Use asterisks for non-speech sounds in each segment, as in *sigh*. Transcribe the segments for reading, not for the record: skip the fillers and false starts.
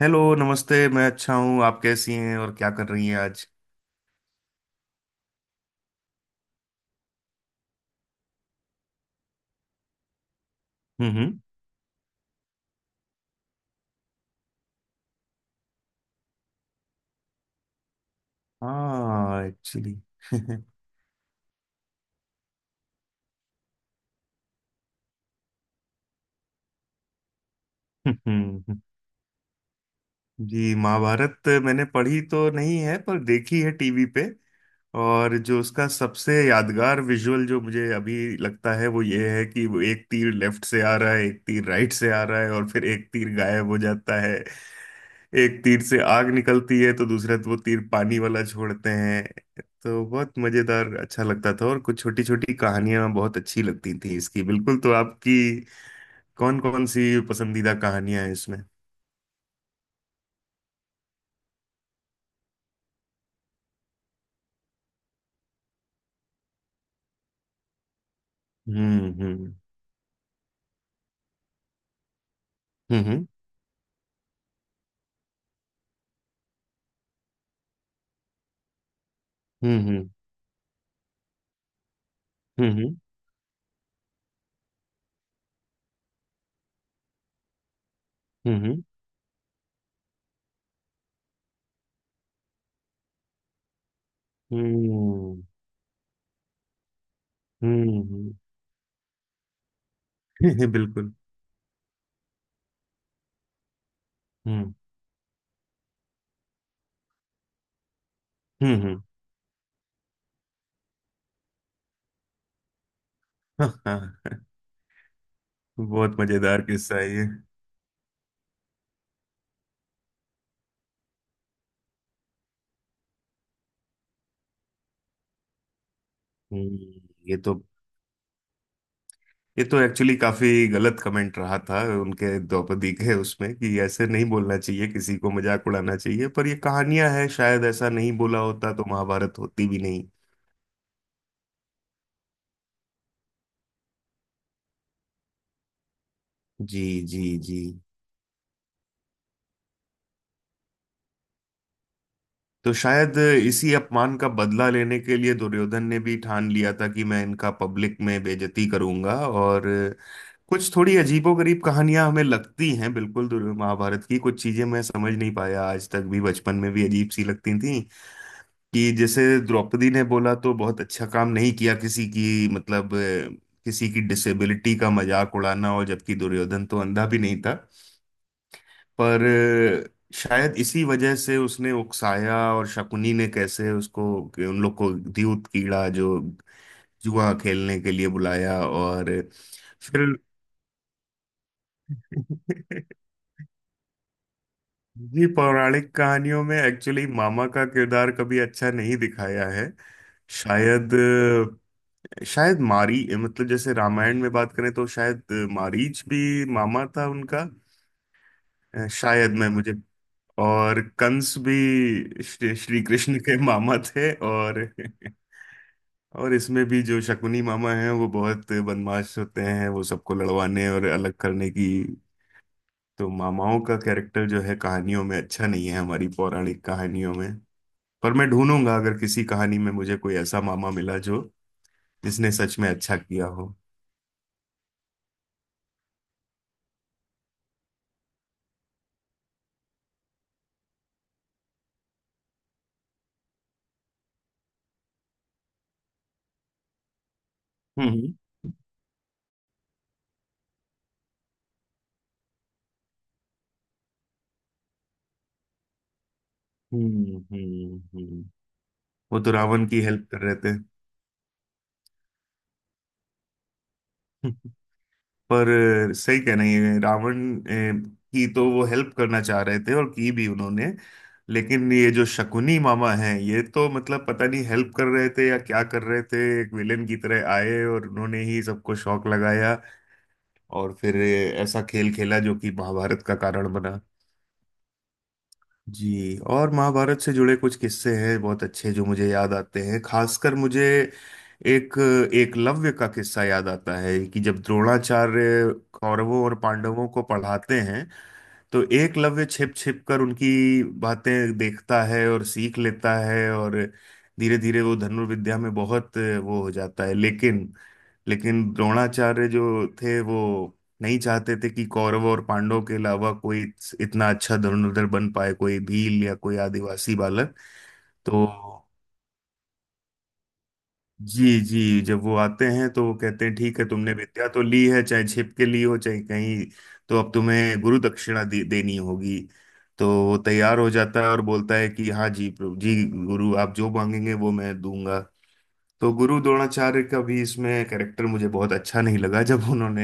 Hello नमस्ते। मैं अच्छा हूँ। आप कैसी हैं और क्या कर रही हैं आज? हम्म। हाँ, एक्चुअली। *laughs* जी, महाभारत मैंने पढ़ी तो नहीं है पर देखी है टीवी पे। और जो उसका सबसे यादगार विजुअल जो मुझे अभी लगता है वो ये है कि वो एक तीर लेफ्ट से आ रहा है, एक तीर राइट से आ रहा है, और फिर एक तीर गायब हो जाता है। एक तीर से आग निकलती है तो दूसरा वो तीर पानी वाला छोड़ते हैं। तो बहुत मजेदार, अच्छा लगता था, और कुछ छोटी छोटी कहानियां बहुत अच्छी लगती थी इसकी बिल्कुल। तो आपकी कौन कौन सी पसंदीदा कहानियां हैं इसमें? हम्म हम्म हम्म हम्म। हम्म हम्म हम्म हम्म हम्म हम्म हम्म, *laughs* बिल्कुल। हम्म हम्म हम्म, *laughs* बहुत मजेदार किस्सा है ये। हम्म। ये तो ये तो एक्चुअली काफी गलत कमेंट रहा था उनके द्रौपदी के उसमें, कि ऐसे नहीं बोलना चाहिए किसी को, मजाक उड़ाना चाहिए। पर ये कहानियां है, शायद ऐसा नहीं बोला होता तो महाभारत होती भी नहीं। जी जी जी। तो शायद इसी अपमान का बदला लेने के लिए दुर्योधन ने भी ठान लिया था कि मैं इनका पब्लिक में बेइज्जती करूंगा। और कुछ थोड़ी अजीबोगरीब कहानियां हमें लगती हैं बिल्कुल। महाभारत की कुछ चीजें मैं समझ नहीं पाया आज तक भी, बचपन में भी अजीब सी लगती थी। कि जैसे द्रौपदी ने बोला तो बहुत अच्छा काम नहीं किया किसी की, मतलब किसी की डिसेबिलिटी का मजाक उड़ाना, और जबकि दुर्योधन तो अंधा भी नहीं था। पर शायद इसी वजह से उसने उकसाया और शकुनी ने कैसे उसको, कि उन लोग को द्यूत कीड़ा जो जुआ खेलने के लिए बुलाया। और फिर। *laughs* जी, पौराणिक कहानियों में एक्चुअली मामा का किरदार कभी अच्छा नहीं दिखाया है। शायद शायद मारी मतलब जैसे रामायण में बात करें तो शायद मारीच भी मामा था उनका। शायद मैं मुझे और कंस भी श्री श्री कृष्ण के मामा थे। और इसमें भी जो शकुनी मामा हैं वो बहुत बदमाश होते हैं, वो सबको लड़वाने और अलग करने की। तो मामाओं का कैरेक्टर जो है कहानियों में अच्छा नहीं है, हमारी पौराणिक कहानियों में। पर मैं ढूंढूंगा अगर किसी कहानी में मुझे कोई ऐसा मामा मिला जो जिसने सच में अच्छा किया हो। हम्म हम्म हम्म हम्म। वो तो रावण की हेल्प कर रहे थे। पर सही कह रही हैं, रावण की तो वो हेल्प करना चाह रहे थे और की भी उन्होंने। लेकिन ये जो शकुनी मामा हैं, ये तो मतलब पता नहीं हेल्प कर रहे थे या क्या कर रहे थे, एक विलेन की तरह आए और उन्होंने ही सबको शौक लगाया, और फिर ऐसा खेल खेला जो कि महाभारत का कारण बना। जी, और महाभारत से जुड़े कुछ किस्से हैं बहुत अच्छे जो मुझे याद आते हैं। खासकर मुझे एक एकलव्य का किस्सा याद आता है कि जब द्रोणाचार्य कौरवों और पांडवों को पढ़ाते हैं, तो एकलव्य छिप छिप कर उनकी बातें देखता है और सीख लेता है, और धीरे धीरे वो धनुर्विद्या में बहुत वो हो जाता है। लेकिन लेकिन द्रोणाचार्य जो थे वो नहीं चाहते थे कि कौरवों और पांडवों के अलावा कोई इतना अच्छा धनुर्धर बन पाए, कोई भील या कोई आदिवासी बालक। तो जी जी, जब वो आते हैं तो वो कहते हैं, ठीक है, तुमने विद्या तो ली है चाहे छिप के ली हो चाहे कहीं, तो अब तुम्हें गुरु दक्षिणा देनी होगी। तो वो तैयार हो जाता है और बोलता है, कि हाँ जी, प्रभु जी, गुरु, आप जो मांगेंगे वो मैं दूंगा। तो गुरु द्रोणाचार्य का भी इसमें कैरेक्टर मुझे बहुत अच्छा नहीं लगा जब उन्होंने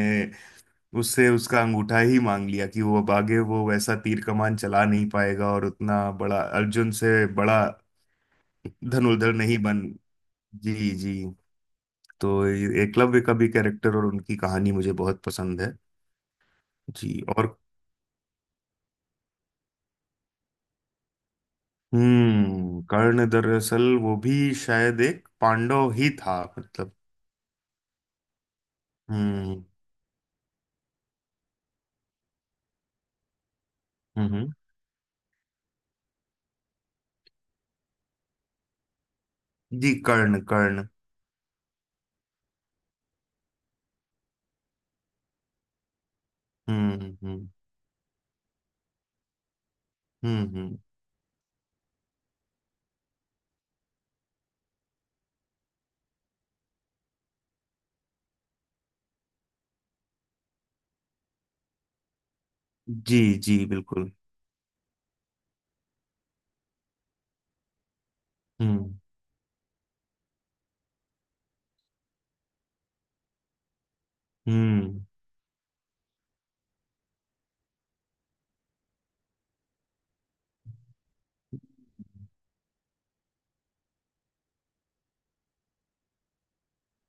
उससे उसका अंगूठा ही मांग लिया, कि वो अब आगे वो वैसा तीर कमान चला नहीं पाएगा और उतना बड़ा अर्जुन से बड़ा धनुर्धर नहीं बन। जी जी। तो ये एकलव्य का भी कैरेक्टर और उनकी कहानी मुझे बहुत पसंद है। जी, और कर्ण दरअसल वो भी शायद एक पांडव ही था मतलब। हम्म हम्म हम्म, जी कर्ण कर्ण। हम्म हम्म हम्म हम्म, जी जी बिल्कुल। हम्म हम्म।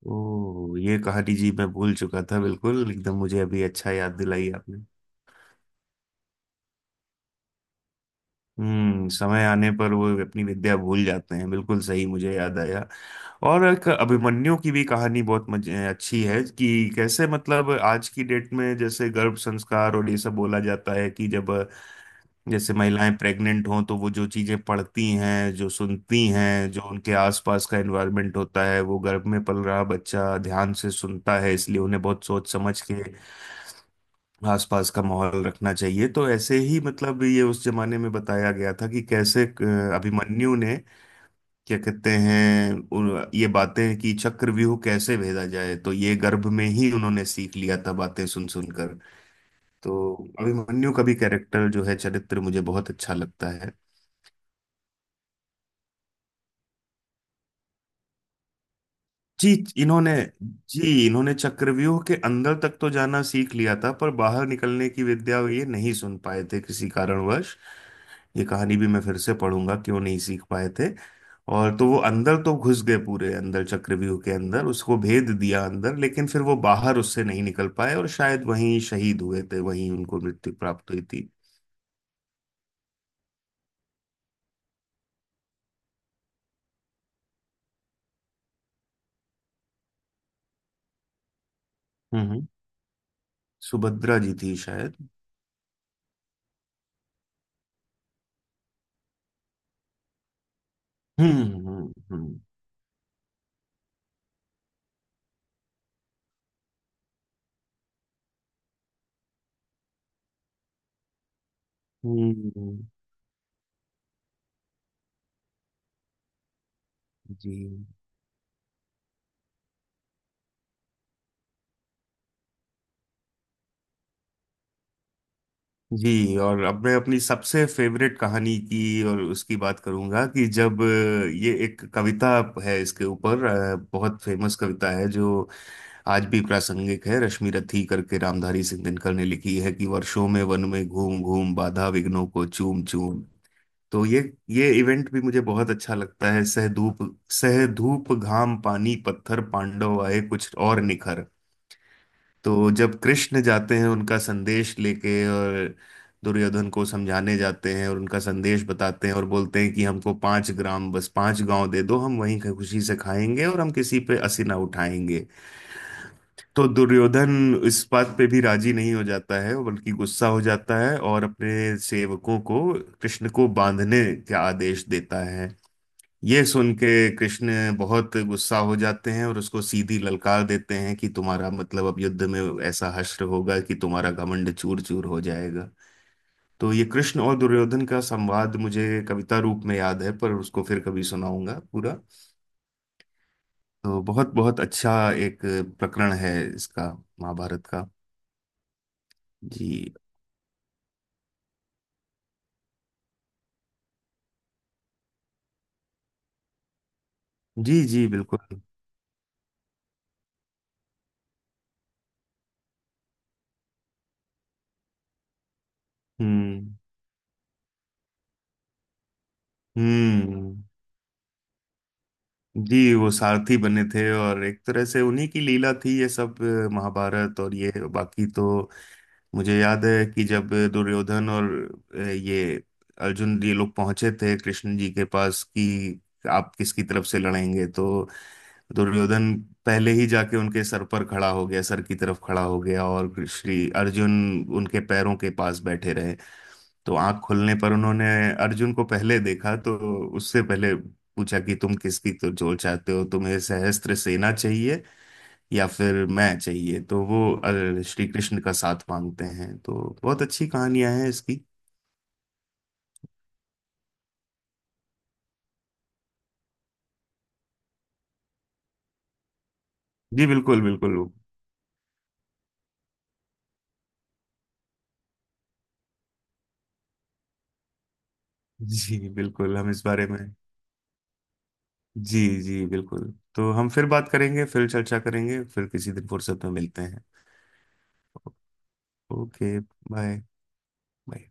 ओ, ये कहानी जी मैं भूल चुका था बिल्कुल एकदम, मुझे अभी अच्छा याद दिलाई आपने। समय आने पर वो अपनी विद्या भूल जाते हैं, बिल्कुल सही, मुझे याद आया। और एक अभिमन्यु की भी कहानी बहुत मजे अच्छी है, कि कैसे मतलब आज की डेट में जैसे गर्भ संस्कार और ये सब बोला जाता है, कि जब जैसे महिलाएं प्रेग्नेंट हों तो वो जो चीजें पढ़ती हैं, जो सुनती हैं, जो उनके आसपास का एनवायरनमेंट होता है, वो गर्भ में पल रहा बच्चा ध्यान से सुनता है। इसलिए उन्हें बहुत सोच समझ के आसपास का माहौल रखना चाहिए। तो ऐसे ही मतलब ये उस जमाने में बताया गया था, कि कैसे अभिमन्यु ने क्या कहते हैं ये बातें कि चक्रव्यूह कैसे भेदा जाए, तो ये गर्भ में ही उन्होंने सीख लिया था बातें सुन सुनकर। तो अभिमन्यु का भी कैरेक्टर जो है, चरित्र मुझे बहुत अच्छा लगता है। जी इन्होंने जी इन्होंने चक्रव्यूह के अंदर तक तो जाना सीख लिया था, पर बाहर निकलने की विद्या ये नहीं सुन पाए थे किसी कारणवश। ये कहानी भी मैं फिर से पढ़ूंगा, क्यों नहीं सीख पाए थे। और तो वो अंदर तो घुस गए, पूरे अंदर चक्रव्यूह के अंदर, उसको भेद दिया अंदर, लेकिन फिर वो बाहर उससे नहीं निकल पाए, और शायद वहीं शहीद हुए थे, वहीं उनको मृत्यु प्राप्त हुई थी। हम्म सुभद्रा जी थी शायद। हम्म हम्म हम्म हम्म। जी। जी, और अब मैं अपनी सबसे फेवरेट कहानी की और उसकी बात करूंगा। कि जब ये एक कविता है इसके ऊपर, बहुत फेमस कविता है जो आज भी प्रासंगिक है, रश्मि रथी करके रामधारी सिंह दिनकर ने लिखी है, कि वर्षों में वन में घूम घूम बाधा विघ्नों को चूम चूम। तो ये इवेंट भी मुझे बहुत अच्छा लगता है। सह धूप घाम पानी पत्थर पांडव आए कुछ और निखर। तो जब कृष्ण जाते हैं उनका संदेश लेके, और दुर्योधन को समझाने जाते हैं और उनका संदेश बताते हैं और बोलते हैं, कि हमको पांच ग्राम, बस पांच गांव दे दो, हम वहीं खुशी से खाएंगे और हम किसी पे असी ना उठाएंगे। तो दुर्योधन इस बात पे भी राजी नहीं हो जाता है, बल्कि गुस्सा हो जाता है, और अपने सेवकों को कृष्ण को बांधने का आदेश देता है। ये सुन के कृष्ण बहुत गुस्सा हो जाते हैं और उसको सीधी ललकार देते हैं, कि तुम्हारा मतलब अब युद्ध में ऐसा हश्र होगा कि तुम्हारा घमंड चूर चूर हो जाएगा। तो ये कृष्ण और दुर्योधन का संवाद मुझे कविता रूप में याद है, पर उसको फिर कभी सुनाऊंगा पूरा। तो बहुत बहुत अच्छा एक प्रकरण है इसका, महाभारत का। जी जी जी बिल्कुल। हम्म हम्म। जी, वो सारथी बने थे, और एक तरह से उन्हीं की लीला थी ये सब, महाभारत और ये बाकी तो। मुझे याद है कि जब दुर्योधन और ये अर्जुन ये लोग पहुंचे थे कृष्ण जी के पास, कि आप किसकी तरफ से लड़ेंगे, तो दुर्योधन पहले ही जाके उनके सर पर खड़ा हो गया, सर की तरफ खड़ा हो गया, और श्री अर्जुन उनके पैरों के पास बैठे रहे। तो आंख खोलने पर उन्होंने अर्जुन को पहले देखा। तो उससे पहले पूछा कि तुम किसकी, तो जो चाहते हो, तुम्हें सहस्त्र सेना चाहिए या फिर मैं चाहिए। तो वो श्री कृष्ण का साथ मांगते हैं। तो बहुत अच्छी कहानियां हैं इसकी। जी बिल्कुल बिल्कुल। जी बिल्कुल, हम इस बारे में। जी जी बिल्कुल, तो हम फिर बात करेंगे, फिर चर्चा करेंगे, फिर किसी दिन फुर्सत में मिलते हैं। ओके। Bye bye.